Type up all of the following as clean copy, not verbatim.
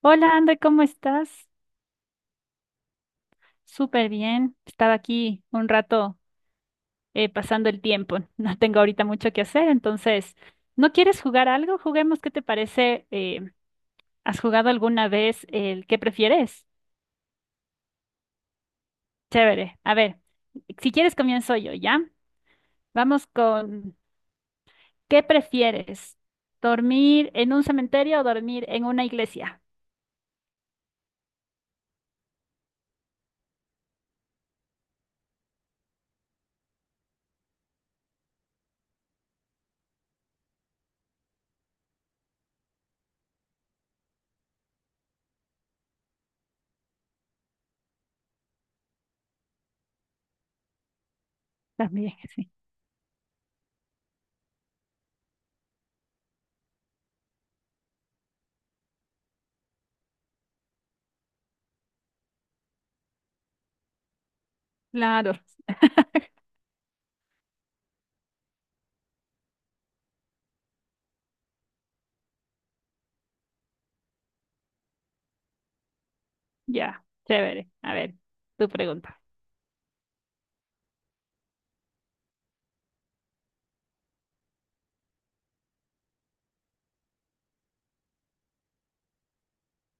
Hola, André, ¿cómo estás? Súper bien. Estaba aquí un rato pasando el tiempo. No tengo ahorita mucho que hacer, entonces, ¿no quieres jugar algo? Juguemos, ¿qué te parece? ¿Has jugado alguna vez el qué prefieres? Chévere. A ver, si quieres comienzo yo, ¿ya? Vamos con ¿qué prefieres? ¿Dormir en un cementerio o dormir en una iglesia? También, sí. Claro, ya, chévere. A ver, tu pregunta.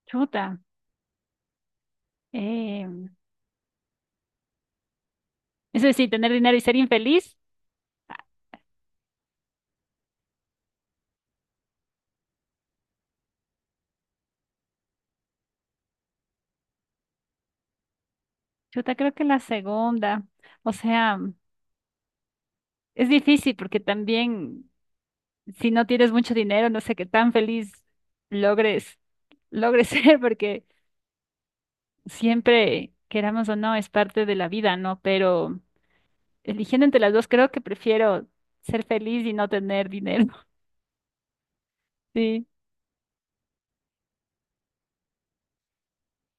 Chuta. em, Es decir, tener dinero y ser infeliz. Chuta, creo que la segunda. O sea, es difícil porque también si no tienes mucho dinero, no sé qué tan feliz logres, logres ser, porque siempre, queramos o no, es parte de la vida, ¿no? Pero eligiendo entre las dos, creo que prefiero ser feliz y no tener dinero. Sí.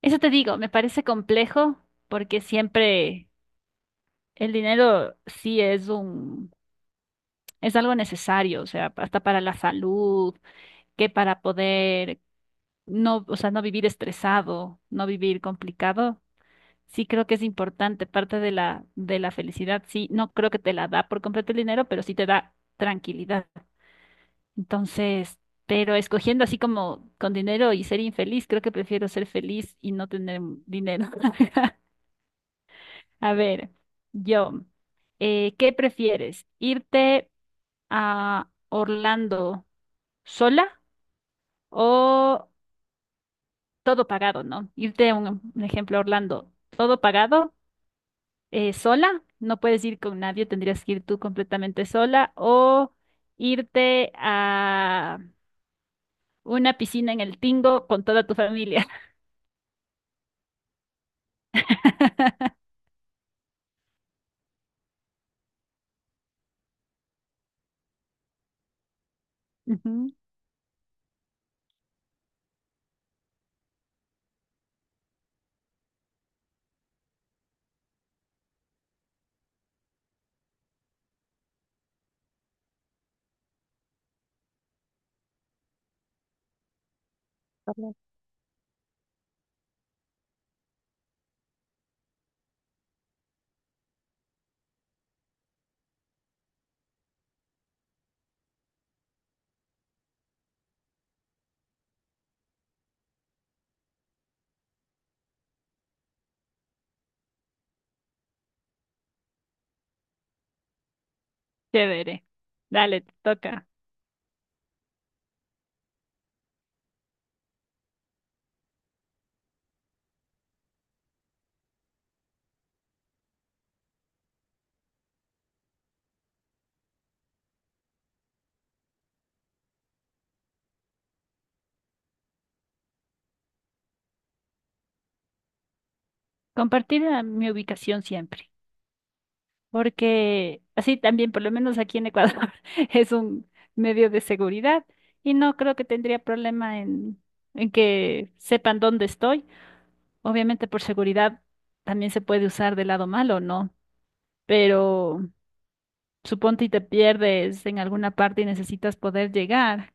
Eso te digo, me parece complejo porque siempre el dinero sí es un, es algo necesario, o sea, hasta para la salud que para poder no, o sea, no vivir estresado, no vivir complicado, sí creo que es importante, parte de la felicidad, sí, no creo que te la da por completo el dinero, pero sí te da tranquilidad. Entonces, pero escogiendo así como con dinero y ser infeliz, creo que prefiero ser feliz y no tener dinero. A ver, yo, ¿qué prefieres? ¿Irte a Orlando sola o todo pagado, ¿no? Irte a un ejemplo a Orlando, todo pagado, sola, no puedes ir con nadie, tendrías que ir tú completamente sola o irte a una piscina en el Tingo con toda tu familia. Ujú, chévere. Dale, te toca. Compartir mi ubicación siempre, porque así también, por lo menos aquí en Ecuador, es un medio de seguridad y no creo que tendría problema en que sepan dónde estoy. Obviamente por seguridad también se puede usar del lado malo, ¿no? Pero suponte y te pierdes en alguna parte y necesitas poder llegar.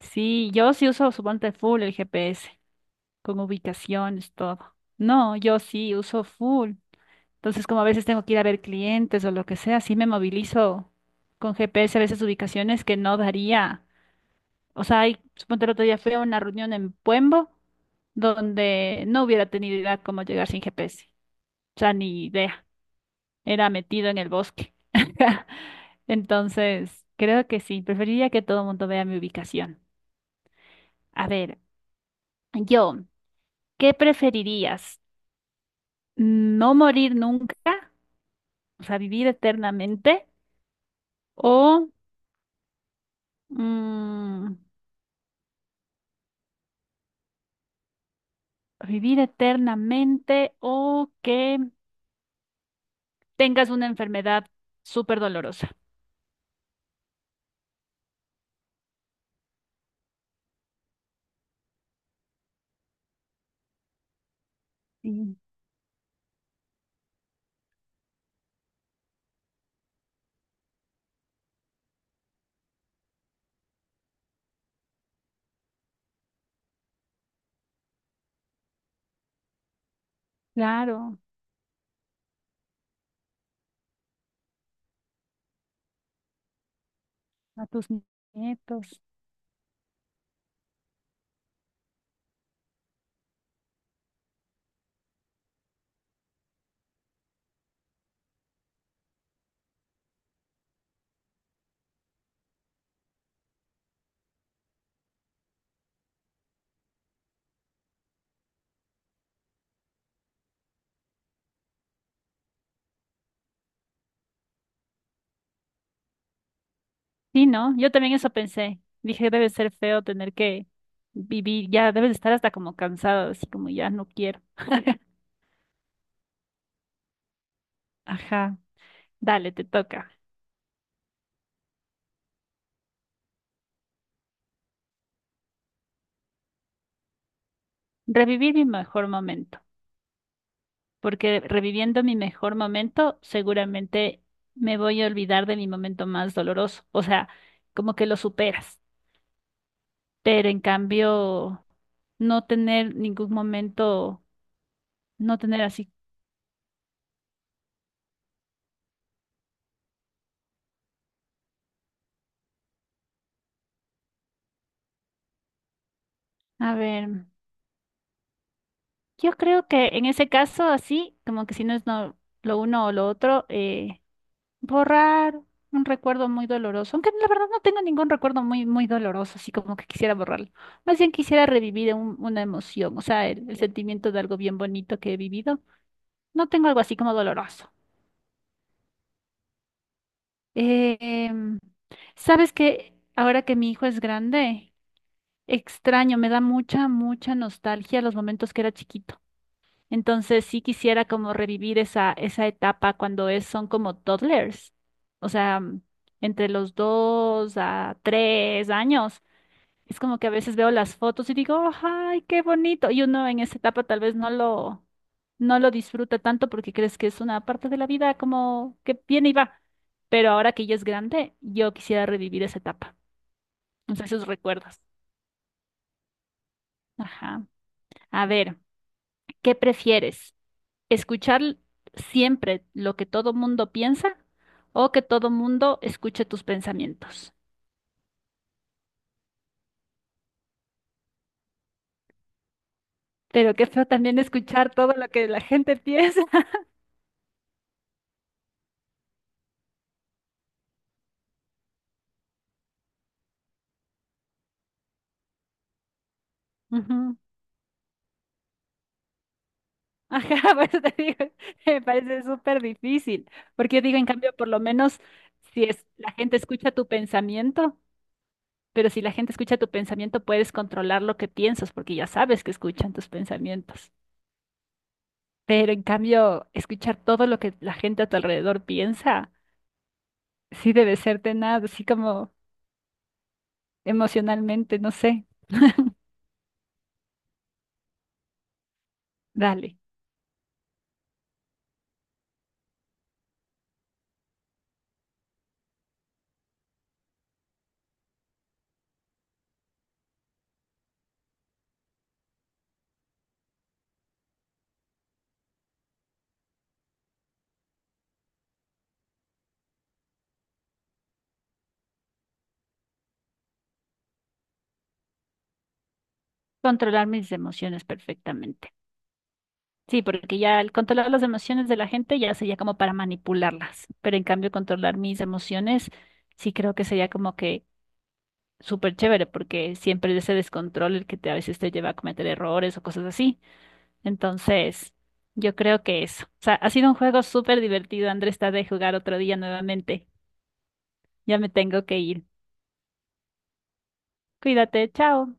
Sí, yo sí uso, suponte full el GPS, con ubicaciones, todo. No, yo sí uso full. Entonces, como a veces tengo que ir a ver clientes o lo que sea, sí me movilizo con GPS a veces ubicaciones que no daría. O sea, hay, suponte el otro día fui a una reunión en Puembo donde no hubiera tenido idea cómo llegar sin GPS. O sea, ni idea. Era metido en el bosque. Entonces, creo que sí, preferiría que todo el mundo vea mi ubicación. A ver, yo, ¿qué preferirías? ¿No morir nunca? O sea, vivir eternamente o mm, vivir eternamente o que tengas una enfermedad súper dolorosa. Sí, claro, a tus nietos. Sí, ¿no? Yo también eso pensé. Dije, debe ser feo tener que vivir, ya debes estar hasta como cansado, así como ya no quiero. Ajá, dale, te toca. Revivir mi mejor momento, porque reviviendo mi mejor momento, seguramente me voy a olvidar de mi momento más doloroso. O sea, como que lo superas. Pero en cambio, no tener ningún momento, no tener así. A ver. Yo creo que en ese caso, así, como que si no es lo uno o lo otro, borrar un recuerdo muy doloroso, aunque la verdad no tengo ningún recuerdo muy, muy doloroso, así como que quisiera borrarlo. Más bien quisiera revivir una emoción, o sea, el sentimiento de algo bien bonito que he vivido. No tengo algo así como doloroso. Eh, em, ¿Sabes que ahora que mi hijo es grande, extraño, me da mucha, mucha nostalgia los momentos que era chiquito? Entonces sí quisiera como revivir esa, esa etapa cuando es, son como toddlers. O sea, entre los 2 a 3 años. Es como que a veces veo las fotos y digo, ¡ay, qué bonito! Y uno en esa etapa tal vez no lo, no lo disfruta tanto porque crees que es una parte de la vida como que viene y va. Pero ahora que ya es grande, yo quisiera revivir esa etapa. O sea, esos recuerdos. Ajá. A ver, ¿qué prefieres? Escuchar siempre lo que todo mundo piensa o que todo mundo escuche tus pensamientos. Pero qué feo también escuchar todo lo que la gente piensa. Ujú. Ajá, por eso te digo, me parece súper difícil, porque yo digo, en cambio, por lo menos si es la gente escucha tu pensamiento, pero si la gente escucha tu pensamiento, puedes controlar lo que piensas, porque ya sabes que escuchan tus pensamientos. Pero en cambio, escuchar todo lo que la gente a tu alrededor piensa, sí debe ser tenaz, así como emocionalmente, no sé, dale. Controlar mis emociones perfectamente. Sí, porque ya al controlar las emociones de la gente ya sería como para manipularlas, pero en cambio controlar mis emociones sí creo que sería como que súper chévere, porque siempre es ese descontrol el que te, a veces te lleva a cometer errores o cosas así. Entonces, yo creo que eso. O sea, ha sido un juego súper divertido, Andrés, está de jugar otro día nuevamente. Ya me tengo que ir. Cuídate, chao.